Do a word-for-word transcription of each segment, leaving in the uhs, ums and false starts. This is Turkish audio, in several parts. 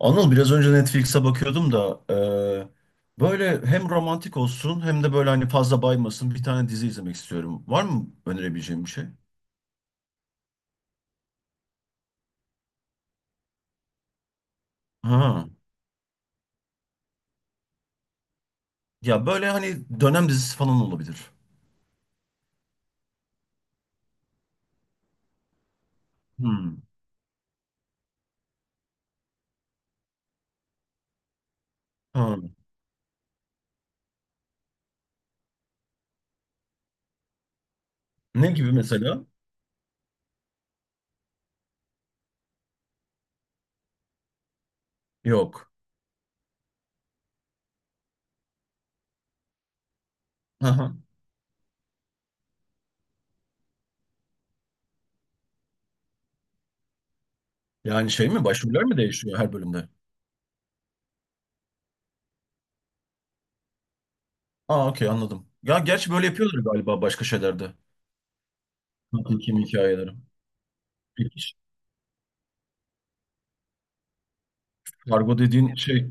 Anıl biraz önce Netflix'e bakıyordum da e, böyle hem romantik olsun hem de böyle hani fazla baymasın bir tane dizi izlemek istiyorum. Var mı önerebileceğim bir şey? Ha. Ya böyle hani dönem dizisi falan olabilir. Hmm. Ha. Ne gibi mesela? Yok. Aha. Yani şey mi, başroller mi değişiyor her bölümde? Aa, okey, anladım. Ya gerçi böyle yapıyorlar galiba başka şeylerde. Kim hikayeleri. Peki, Kargo dediğin şey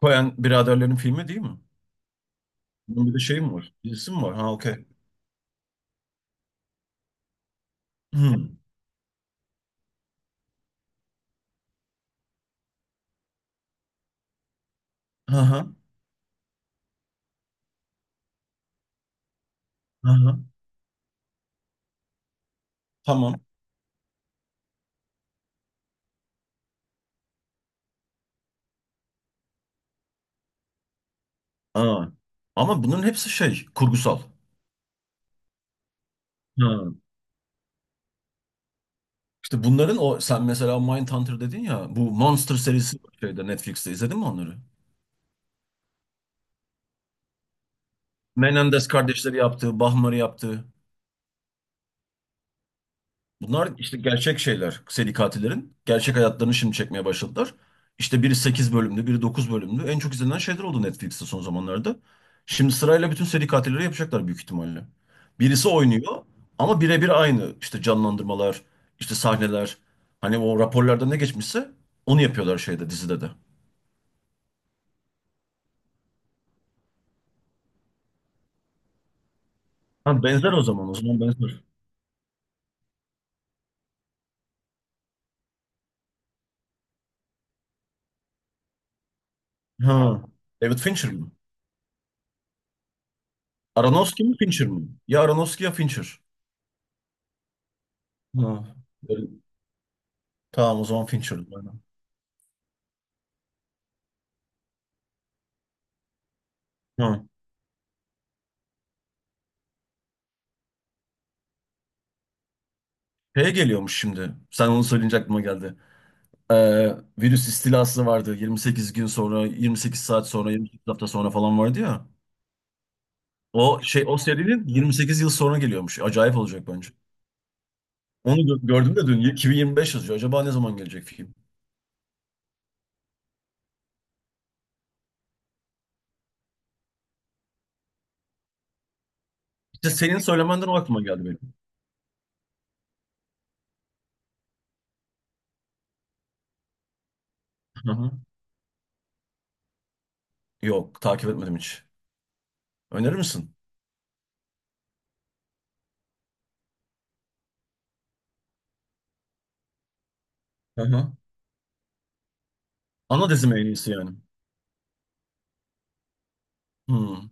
Coen biraderlerin filmi değil mi? Bunun bir de şey mi var? Dizisi mi var? Ha, okey. Hı. Hı hı. Hı hı. Tamam. Ha. Ama bunun hepsi şey, kurgusal. Ha. İşte bunların, o sen mesela Mindhunter dedin ya, bu Monster serisi var şeyde, Netflix'te, izledin mi onları? Menendez kardeşleri yaptığı, Bahmar'ı yaptığı. Bunlar işte gerçek şeyler. Seri katillerin. Gerçek hayatlarını şimdi çekmeye başladılar. İşte biri sekiz bölümlü, biri dokuz bölümlü. En çok izlenen şeyler oldu Netflix'te son zamanlarda. Şimdi sırayla bütün seri katilleri yapacaklar büyük ihtimalle. Birisi oynuyor ama birebir aynı. İşte canlandırmalar, işte sahneler. Hani o raporlarda ne geçmişse onu yapıyorlar şeyde, dizide de. Ha, benzer o zaman. O zaman benzer. Ha. David Fincher mi? Aronofsky mi, Fincher mi? Ya Aronofsky ya Fincher. Ha. Böyle- Tamam, o zaman Fincher. Aynen. Hı. Şeye geliyormuş şimdi. Sen onu söyleyince aklıma geldi. Ee, virüs istilası vardı. yirmi sekiz gün sonra, yirmi sekiz saat sonra, yirmi sekiz hafta sonra falan vardı ya. O şey, o serinin yirmi sekiz yıl sonra geliyormuş. Acayip olacak bence. Onu gö- gördüm de dün iki bin yirmi beş yazıyor. Acaba ne zaman gelecek film? İşte senin söylemenden o aklıma geldi benim. Hı hı. Yok, takip etmedim hiç. Önerir misin? Hı hı. Ana dizim en iyisi yani. Hmm.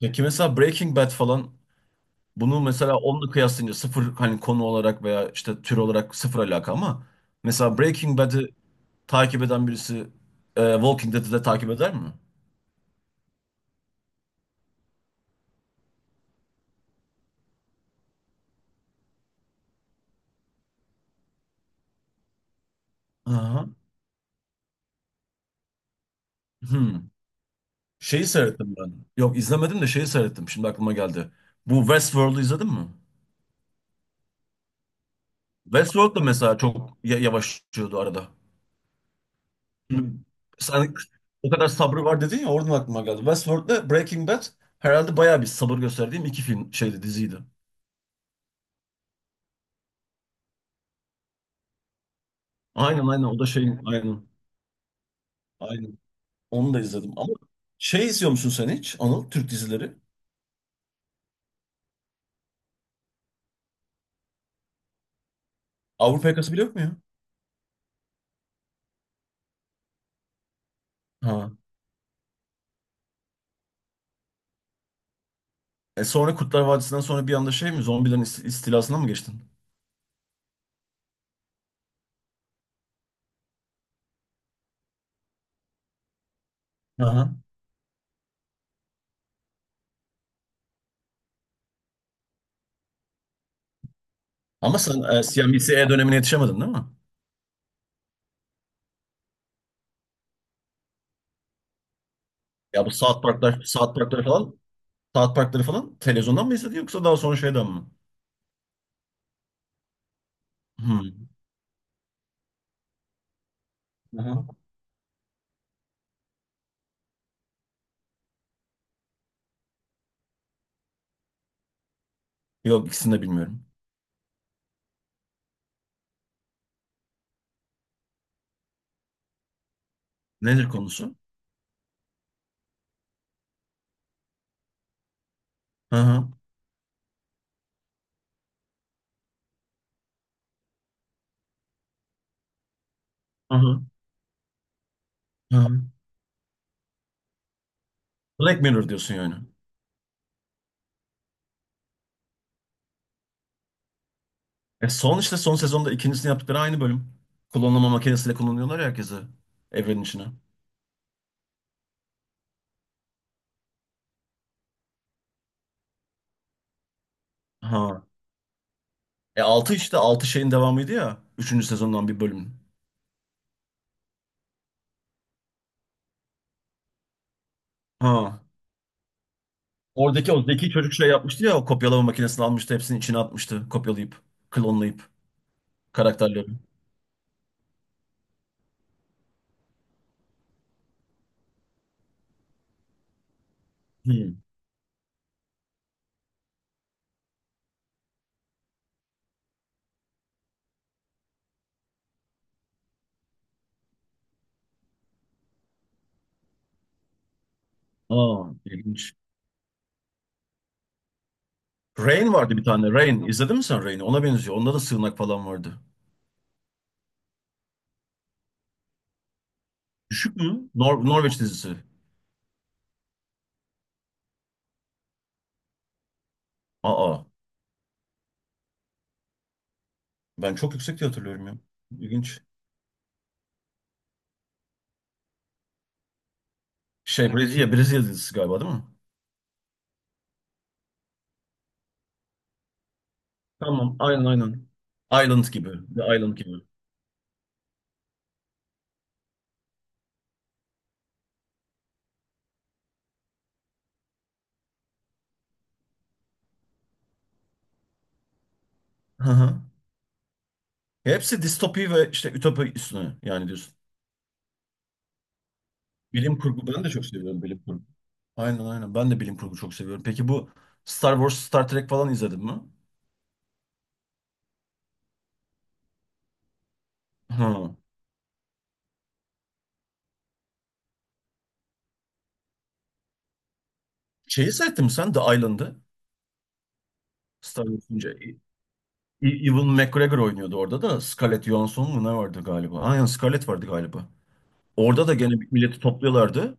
Ya ki mesela Breaking Bad falan, bunu mesela onunla kıyaslayınca sıfır, hani konu olarak veya işte tür olarak sıfır alaka, ama mesela Breaking Bad'i takip eden birisi e, Walking Dead'i de takip eder mi? Aha. Hmm. Şeyi seyrettim ben. Yok, izlemedim de şeyi seyrettim. Şimdi aklıma geldi. Bu Westworld'u izledin mi? Westworld da mesela çok ya- yavaşlıyordu arada. Hmm. Sen, o kadar sabrı var dedin ya, oradan aklıma geldi. Westworld'le Breaking Bad herhalde bayağı bir sabır gösterdiğim iki film şeydi, diziydi. Aynen aynen, o da şeyin aynen. Aynen. Onu da izledim. Ama şey izliyor musun sen hiç Anıl? Türk dizileri. Avrupa Yakası bile yok mu ya? Ha. E sonra Kurtlar Vadisi'nden sonra bir anda şey mi? Zombilerin ist- istilasına mı geçtin? Aha. Ama sen e, C N B C dönemine yetişemedin değil mi? Ya bu South Park'lar, South Park'ları falan, South Park'ları falan televizyondan mı izledin yoksa daha sonra şeyden mi? Hmm. Aha. Yok, ikisini de bilmiyorum. Nedir konusu? Hı hı. Hı hı. Hı hı. Black Mirror diyorsun yani. E son işte son sezonda ikincisini yaptıkları aynı bölüm. Klonlama makinesiyle kullanıyorlar ya herkesi evrenin içine. Ha. E altı, işte altı şeyin devamıydı ya. Üçüncü sezondan bir bölüm. Ha. Oradaki o zeki çocuk şey yapmıştı ya, o kopyalama makinesini almıştı, hepsini içine atmıştı, kopyalayıp, klonlayıp karakterleri. Hmm. Aa, ilginç. Rain vardı bir tane. Rain. İzledin mi sen Rain'i? Ona benziyor. Onda da sığınak falan vardı. Düşük mü? Nor Norveç dizisi. Aa, ben çok yüksek diye hatırlıyorum ya. İlginç. Şey Brezilya, Brezilya dizisi galiba değil mi? Tamam, aynen aynen. Island gibi. The Island gibi. Hı hı. Hepsi distopi ve işte ütopi üstüne yani diyorsun. Bilim kurgu, ben de çok seviyorum bilim kurgu. Aynen aynen, ben de bilim kurgu çok seviyorum. Peki bu Star Wars, Star Trek falan izledin mi? Hı. Şeyi seyrettin mi sen The Island'ı? Star Wars'ın ce- E- E, Ewan McGregor oynuyordu orada da. Scarlett Johansson mu ne vardı galiba? Aynen, Scarlett vardı galiba. Orada da gene milleti topluyorlardı.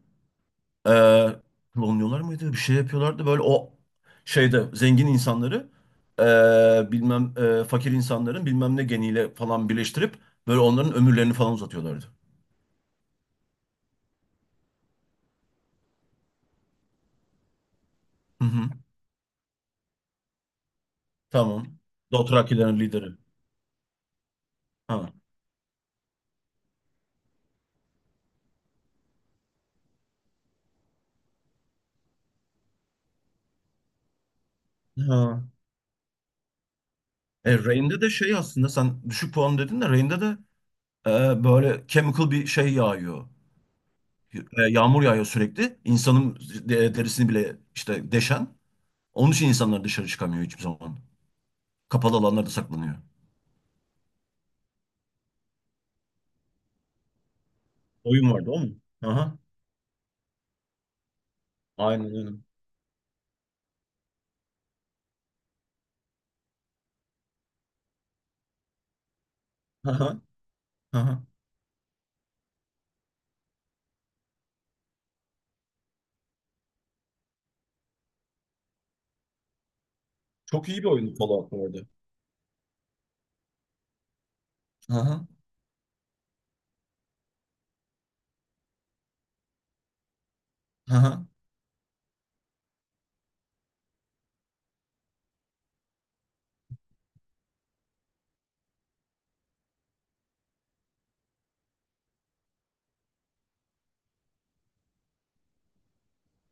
Ee, Klonluyorlar mıydı? Bir şey yapıyorlardı. Böyle o şeyde zengin insanları ee, bilmem ee, fakir insanların bilmem ne geniyle falan birleştirip böyle onların ömürlerini falan uzatıyorlardı. Hı hı. Tamam. Dothrakilerin lideri. Ha. Ha. E, Reign'de de şey aslında, sen düşük puan dedin de, Reign'de de ee, böyle chemical bir şey yağıyor. Ee, yağmur yağıyor sürekli. İnsanın de- derisini bile işte deşen. Onun için insanlar dışarı çıkamıyor hiçbir zaman. Kapalı alanlarda saklanıyor. Oyun vardı o mu? Aha. Aynen öyle. Aha. Aha. Çok iyi bir oyun Fallout bu arada. Aha. Aha.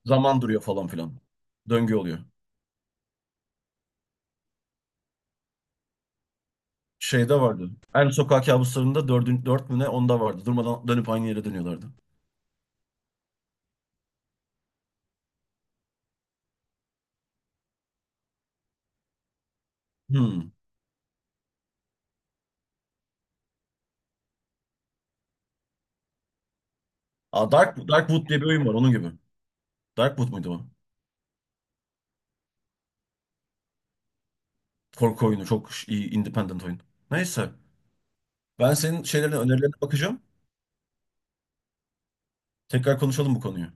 Zaman duruyor falan filan. Döngü oluyor. Şeyde vardı. En sokak kabuslarında dördün, dört mü ne, onda vardı. Durmadan dönüp aynı yere dönüyorlardı. Hmm. Aa, Dark, Darkwood diye bir oyun var onun gibi. Darkwood muydu o? Korku oyunu. Çok iyi independent oyun. Neyse. Ben senin şeylerine, önerilerine bakacağım. Tekrar konuşalım bu konuyu.